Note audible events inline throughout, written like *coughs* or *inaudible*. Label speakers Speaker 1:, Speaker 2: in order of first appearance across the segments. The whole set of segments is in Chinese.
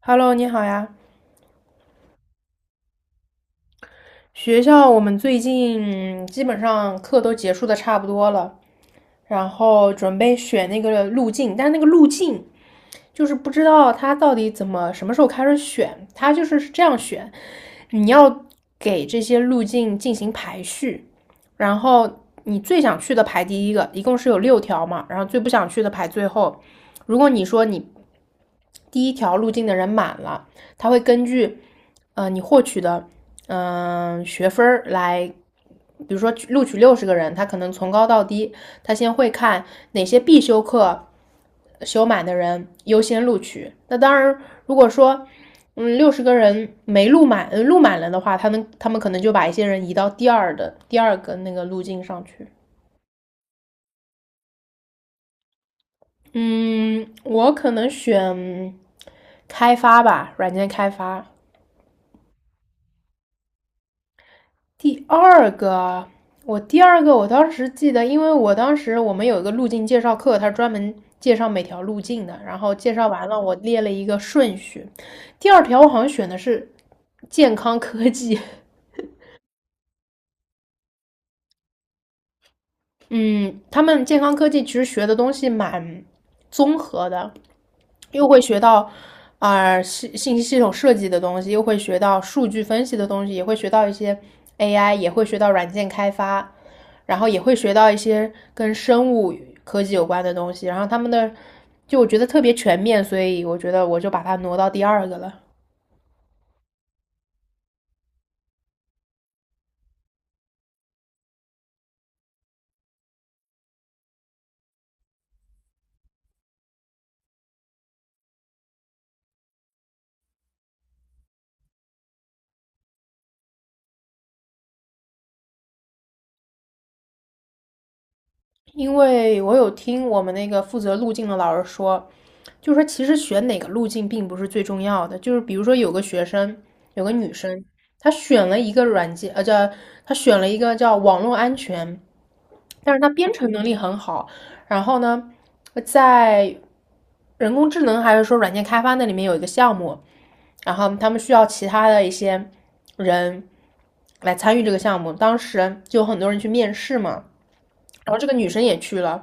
Speaker 1: Hello，你好呀。学校我们最近基本上课都结束的差不多了，然后准备选那个路径。但是那个路径就是不知道它到底怎么什么时候开始选，它就是这样选。你要给这些路径进行排序，然后你最想去的排第一个，一共是有六条嘛，然后最不想去的排最后。如果你说你第一条路径的人满了，他会根据你获取的学分儿来。比如说录取六十个人，他可能从高到低，他先会看哪些必修课修满的人优先录取。那当然，如果说六十个人没录满，录满了的话，他们可能就把一些人移到第二个那个路径上去。嗯，我可能选开发吧，软件开发。第二个啊，我第二个我当时记得，因为我当时我们有一个路径介绍课，它专门介绍每条路径的，然后介绍完了，我列了一个顺序。第二条我好像选的是健康科技。嗯，他们健康科技其实学的东西蛮综合的，又会学到信息系统设计的东西，又会学到数据分析的东西，也会学到一些 AI，也会学到软件开发，然后也会学到一些跟生物科技有关的东西。然后他们的就我觉得特别全面，所以我觉得我就把它挪到第二个了。因为我有听我们那个负责路径的老师说，就是说，其实选哪个路径并不是最重要的。就是比如说，有个女生，她选了一个软件，呃，叫她选了一个叫网络安全，但是她编程能力很好。然后呢，在人工智能还是说软件开发那里面有一个项目，然后他们需要其他的一些人来参与这个项目。当时就有很多人去面试嘛，然后这个女生也去了，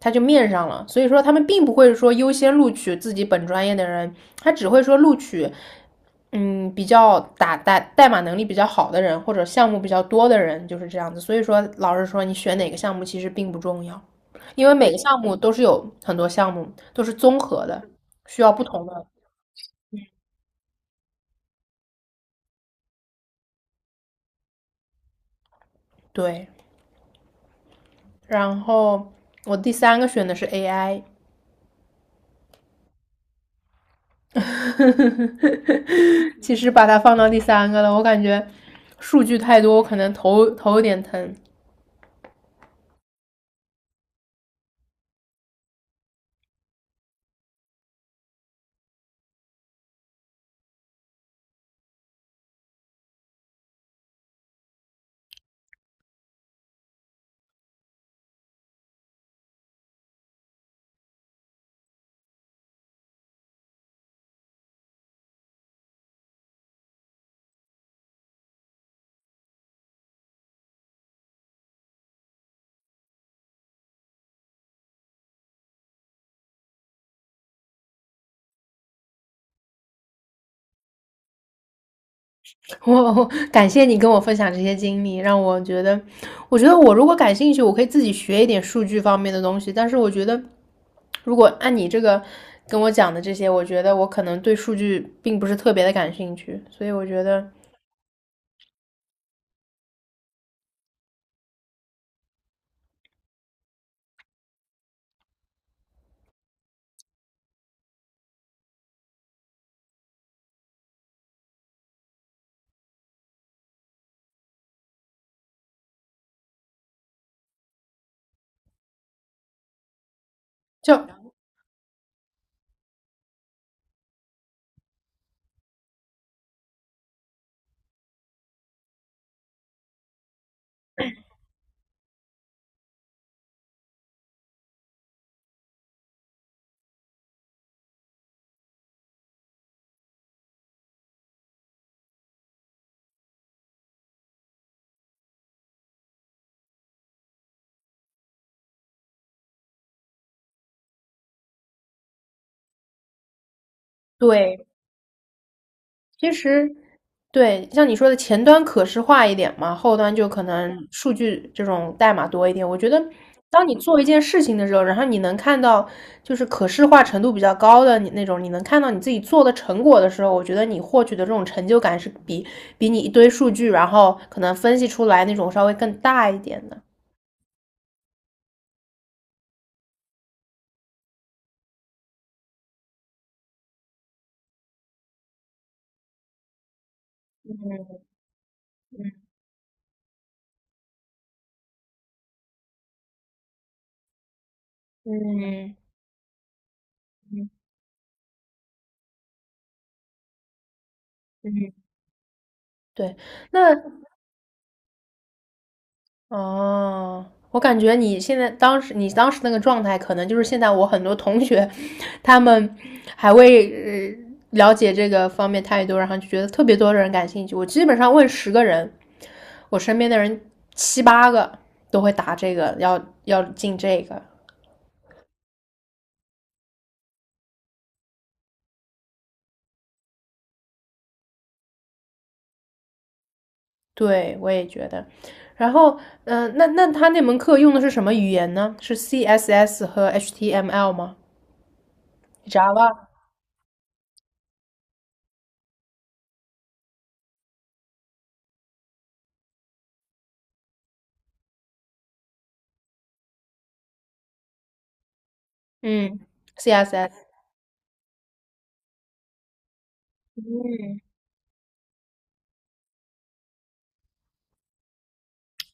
Speaker 1: 他就面上了。所以说他们并不会说优先录取自己本专业的人，他只会说录取比较打代码能力比较好的人或者项目比较多的人，就是这样子。所以说老师说你选哪个项目其实并不重要，因为每个项目都是有很多项目都是综合的，需要不同的。对。然后我第三个选的是 AI。其实把它放到第三个了，我感觉数据太多，我可能头有点疼。*laughs* 我感谢你跟我分享这些经历，让我觉得，我觉得我如果感兴趣，我可以自己学一点数据方面的东西。但是我觉得，如果按你这个跟我讲的这些，我觉得我可能对数据并不是特别的感兴趣，所以我觉得就对。其实对，像你说的前端可视化一点嘛，后端就可能数据这种代码多一点。我觉得，当你做一件事情的时候，然后你能看到就是可视化程度比较高的你那种，你能看到你自己做的成果的时候，我觉得你获取的这种成就感是比你一堆数据，然后可能分析出来那种稍微更大一点的。嗯嗯，对，那，哦，我感觉你当时那个状态，可能就是现在我很多同学，他们还未了解这个方面太多，然后就觉得特别多的人感兴趣。我基本上问十个人，我身边的人七八个都会答这个，要进这个。对，我也觉得。然后，那门课用的是什么语言呢？是 CSS 和 HTML 吗？Java，嗯，CSS，嗯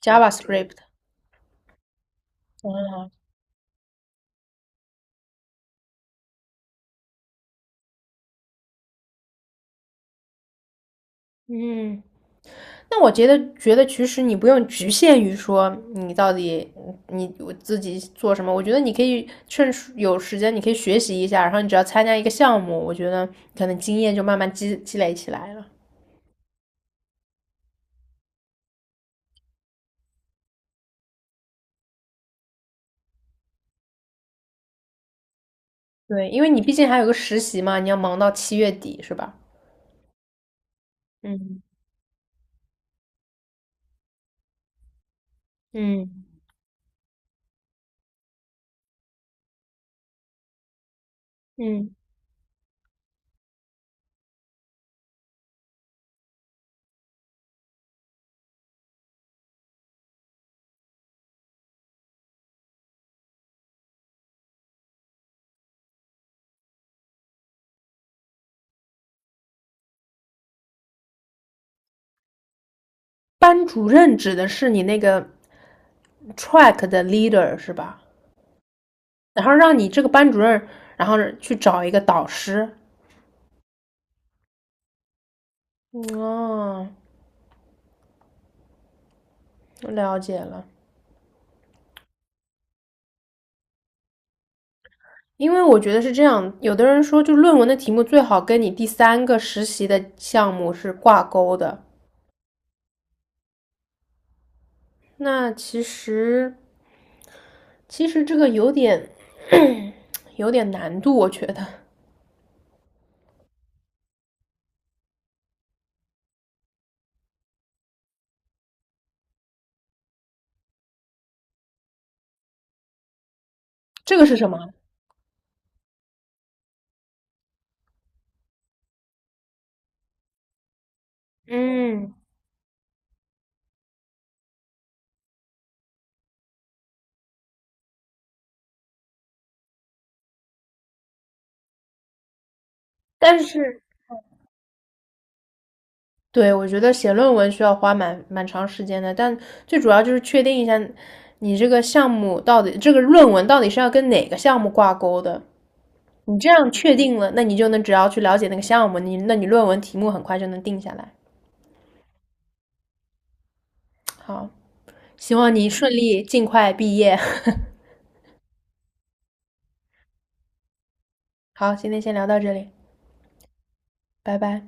Speaker 1: ，JavaScript，嗯。嗯，那我觉得，其实你不用局限于说你到底你我自己做什么，我觉得你可以趁时有时间，你可以学习一下，然后你只要参加一个项目，我觉得可能经验就慢慢积累起来了。对，因为你毕竟还有个实习嘛，你要忙到7月底，是吧？嗯嗯嗯，班主任指的是你那个 track 的 leader 是吧？然后让你这个班主任，然后去找一个导师。嗯，哦，了解了。因为我觉得是这样，有的人说，就论文的题目最好跟你第三个实习的项目是挂钩的。那其实，其实这个有点 *clears throat* *coughs* 有点难度，我觉得这个是什么？嗯，但是对，我觉得写论文需要花蛮长时间的。但最主要就是确定一下你这个项目到底，这个论文到底是要跟哪个项目挂钩的。你这样确定了，那你就能只要去了解那个项目，那你论文题目很快就能定下来。好，希望你顺利尽快毕业。*laughs* 好，今天先聊到这里，拜拜。